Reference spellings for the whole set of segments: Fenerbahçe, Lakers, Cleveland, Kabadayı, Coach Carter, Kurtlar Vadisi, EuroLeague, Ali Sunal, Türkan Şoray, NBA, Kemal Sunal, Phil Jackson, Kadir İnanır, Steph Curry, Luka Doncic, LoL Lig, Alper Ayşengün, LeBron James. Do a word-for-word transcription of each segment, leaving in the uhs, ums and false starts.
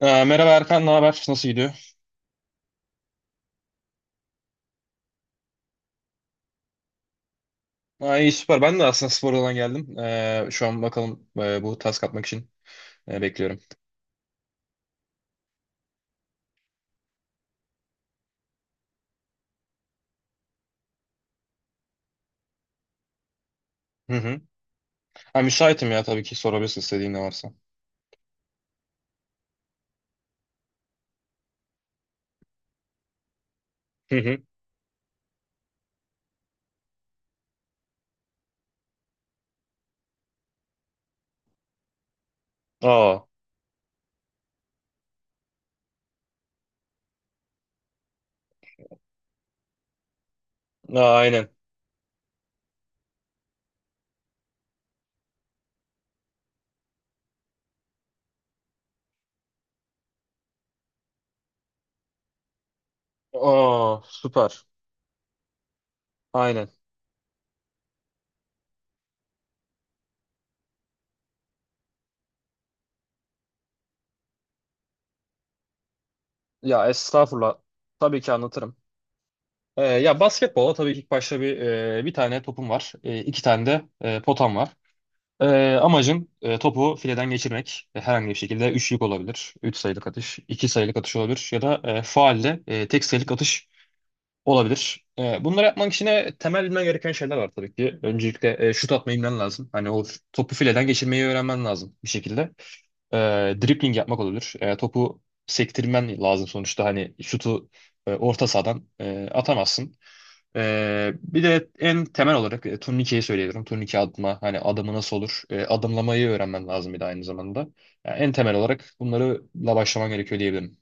Ee, merhaba Erkan, ne haber? Nasıl gidiyor? Aa, iyi süper. Ben de aslında spordan geldim. Ee, şu an bakalım, e, bu task atmak için e, bekliyorum. Hı hı. Ha, Müsaitim ya, tabii ki sorabilirsin, istediğin ne varsa. Hı hı. Aa, aa, aynen. Aa, süper. Aynen. Ya estağfurullah. Tabii ki anlatırım. Ee, ya basketbola tabii ki ilk başta bir e, bir tane topum var. E, iki tane de e, potam var. Ee, amacım e, topu fileden geçirmek. E, herhangi bir şekilde üçlük olabilir. Üç sayılık atış, iki sayılık atış olabilir. Ya da e, faulle e, tek sayılık atış olabilir. E, bunları yapmak için e, temel bilmen gereken şeyler var tabii ki. Öncelikle e, şut atmayı bilmen lazım. Hani o topu fileden geçirmeyi öğrenmen lazım bir şekilde. E, dribbling yapmak olabilir. E, topu sektirmen lazım sonuçta. Hani şutu e, orta sahadan e, atamazsın. E, bir de en temel olarak e, turnikeyi söyleyebilirim. Turnike atma, hani adımı nasıl olur? E, adımlamayı öğrenmen lazım bir de aynı zamanda. Yani en temel olarak bunlarla başlaman gerekiyor diyebilirim.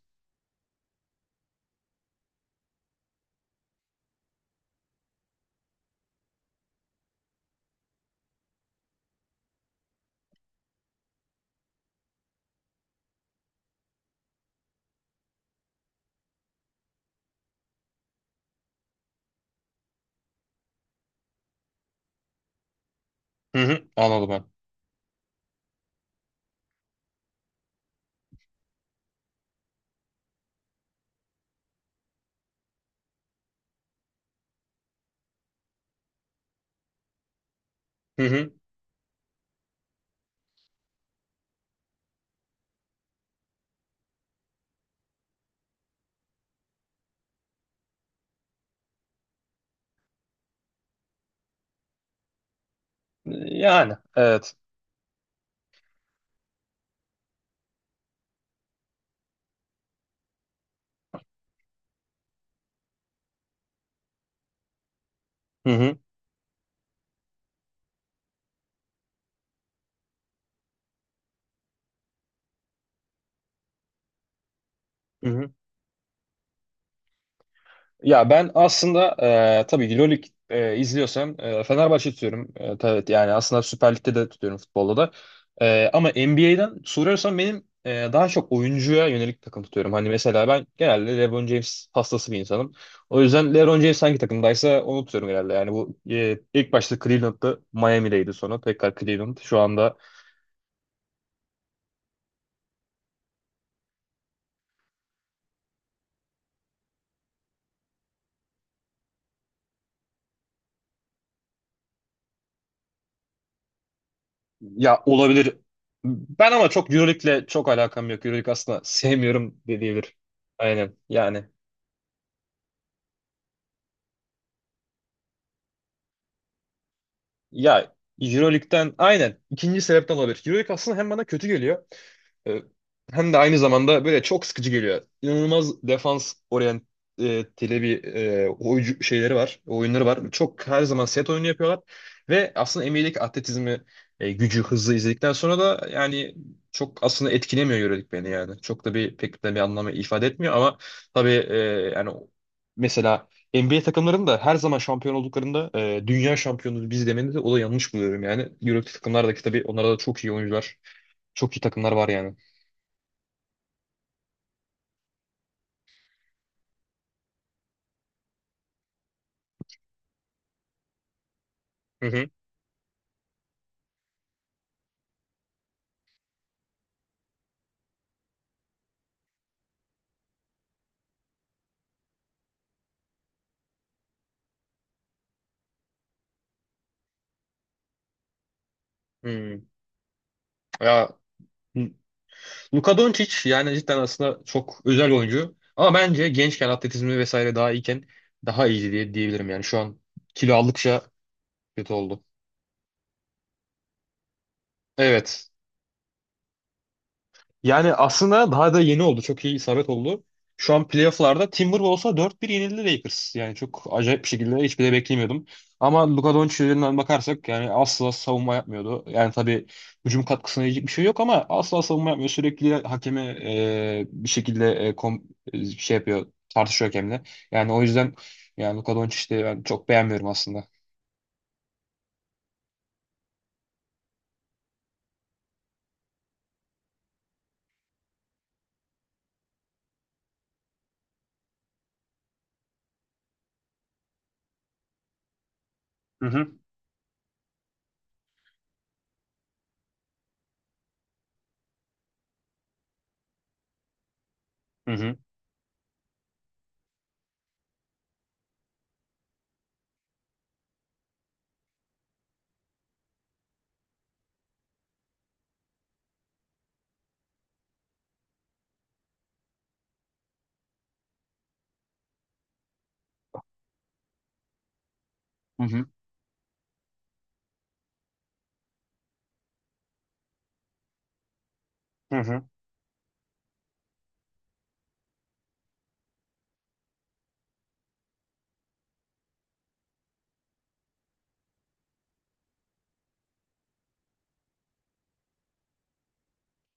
Hı hı, anladım ben. Hı hı. Yani evet. Hı hı. Hı hı. Ya ben aslında e, tabii ki LoL Lig, e, izliyorsam e, Fenerbahçe tutuyorum. E, tabii yani aslında Süper Lig'de de tutuyorum, futbolda da. E, ama N B A'den soruyorsan benim e, daha çok oyuncuya yönelik takım tutuyorum. Hani mesela ben genelde LeBron James hastası bir insanım. O yüzden LeBron James hangi takımdaysa onu tutuyorum genelde. Yani bu e, ilk başta Cleveland'da, Miami'deydi, sonra tekrar Cleveland. Şu anda ya olabilir. Ben ama çok EuroLeague'le çok alakam yok. EuroLeague aslında sevmiyorum de diyebilir. Aynen yani. Ya Euroleague'den aynen ikinci sebepten olabilir. Euroleague aslında hem bana kötü geliyor, e, hem de aynı zamanda böyle çok sıkıcı geliyor. İnanılmaz defans oryanteli bir e, oyuncu şeyleri var, oyunları var. Çok her zaman set oyunu yapıyorlar ve aslında N B A'deki atletizmi, e, gücü, hızı izledikten sonra da yani çok aslında etkilemiyor yörelik beni yani. Çok da bir pek de bir anlamı ifade etmiyor ama tabii e, yani mesela N B A takımlarının da her zaman şampiyon olduklarında e, dünya şampiyonu biz demeni de, o da yanlış buluyorum yani. Euroleague takımlardaki tabii onlarda da çok iyi oyuncular, çok iyi takımlar var yani. Hı hı. Hı. Ya Luka Doncic yani cidden aslında çok özel oyuncu. Ama bence gençken atletizmi vesaire daha iyiken daha iyiydi diye diyebilirim yani. Şu an kilo aldıkça kötü oldu. Evet. Yani aslında daha da yeni oldu. Çok iyi isabet oldu. Şu an playoff'larda Timberwolves'a dört bir yenildi Lakers. Yani çok acayip bir şekilde, hiçbir de beklemiyordum. Ama Luka Doncic'den bakarsak yani asla savunma yapmıyordu. Yani tabii hücum katkısına yiyecek bir şey yok ama asla savunma yapmıyor. Sürekli hakeme e, bir şekilde e, kom- e, şey yapıyor, tartışıyor hakemle. Yani o yüzden yani Luka Doncic'i de ben çok beğenmiyorum aslında. Hı hı. Hı hı. Hı hı. Hı hı.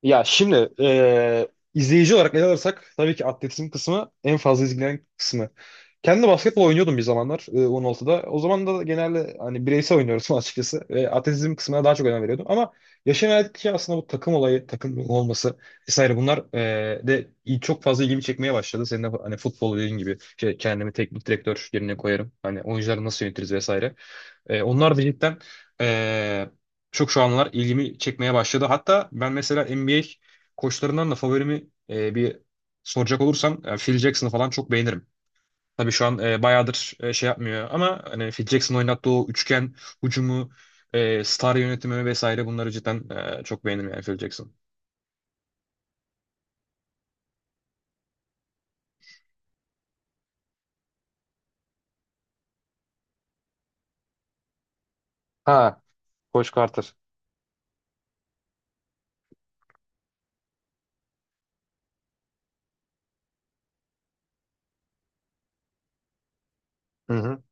Ya şimdi eee, izleyici olarak ele alırsak tabii ki atletizm kısmı en fazla izlenen kısmı. Kendi basketbol oynuyordum bir zamanlar eee, on altıda. O zaman da genelde hani bireysel oynuyoruz açıkçası. Ve atletizm kısmına daha çok önem veriyordum. Ama yaşım ilerledikçe aslında bu takım olayı, takım olması vesaire bunlar eee, de iyi- çok fazla ilgimi çekmeye başladı. Senin de hani futbol dediğin gibi şey, kendimi teknik direktör yerine koyarım. Hani oyuncuları nasıl yönetiriz vesaire. E, onlar da cidden e, çok şu anlar ilgimi çekmeye başladı. Hatta ben mesela N B A koçlarından da favorimi e, bir soracak olursam e, Phil Jackson'ı falan çok beğenirim. Tabii şu an e, bayağıdır e, şey yapmıyor ama hani Phil Jackson oynattığı o üçgen hücumu, e, star yönetimi vesaire bunları cidden e, çok beğenirim yani Phil Jackson. Ha, Coach Carter. Hı hı.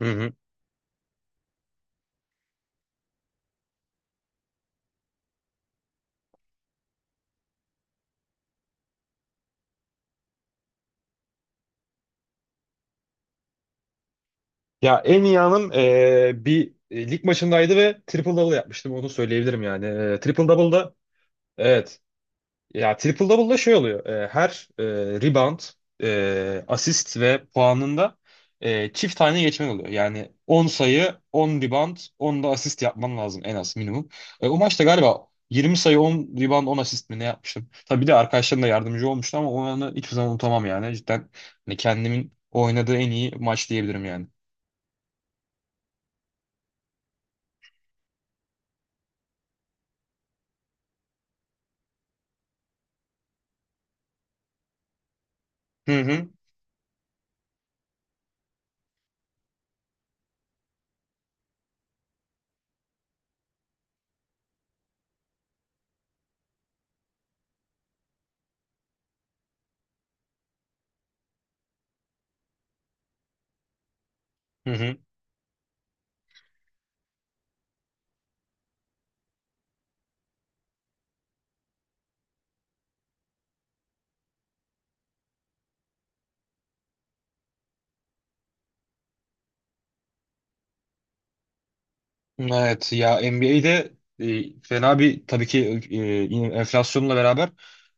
Hı hı. Ya en iyi anım e, bir e, lig maçındaydı ve triple double yapmıştım, onu söyleyebilirim yani. E, triple double'da evet. Ya triple double'da şey oluyor. e, her e, rebound, e, asist ve puanında e, çift tane geçmen oluyor. Yani on sayı, on rebound, on da asist yapman lazım en az minimum. E, o maçta galiba yirmi sayı, on rebound, on asist mi ne yapmıştım? Tabii bir de arkadaşlarım da yardımcı olmuştu ama o anı hiçbir zaman unutamam yani. Cidden hani kendimin oynadığı en iyi maç diyebilirim yani. Hı hı. Hı hı. Evet ya N B A'de e, fena bir tabii ki e, yine enflasyonla beraber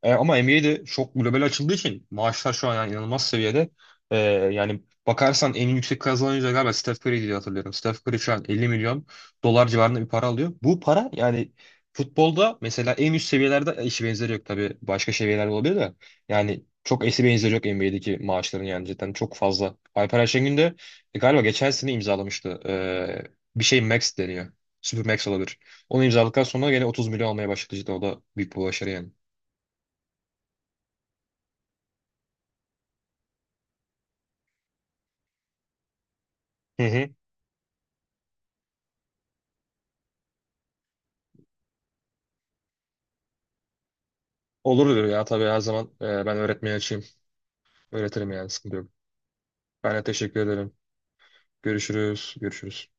e, ama N B A'de çok global açıldığı için maaşlar şu an yani inanılmaz seviyede. E, yani bakarsan en yüksek kazanan oyuncu da galiba Steph Curry diye hatırlıyorum. Steph Curry şu an elli milyon dolar civarında bir para alıyor. Bu para yani futbolda mesela en üst seviyelerde eşi benzeri yok, tabii başka seviyelerde olabilir de, yani çok eşi benzeri yok N B A'deki maaşların yani cidden çok fazla. Alper Ayşengün de e, galiba geçen sene imzalamıştı e, bir şey Max deniyor. Super Max olabilir. Onu imzaladıktan sonra gene otuz milyon almaya başladı cidden. O da büyük bir başarı yani. Hı hı. Olur ya, tabii, her zaman e, ben öğretmeye açayım. Öğretirim yani, sıkıntı yok. Ben de teşekkür ederim. Görüşürüz. Görüşürüz.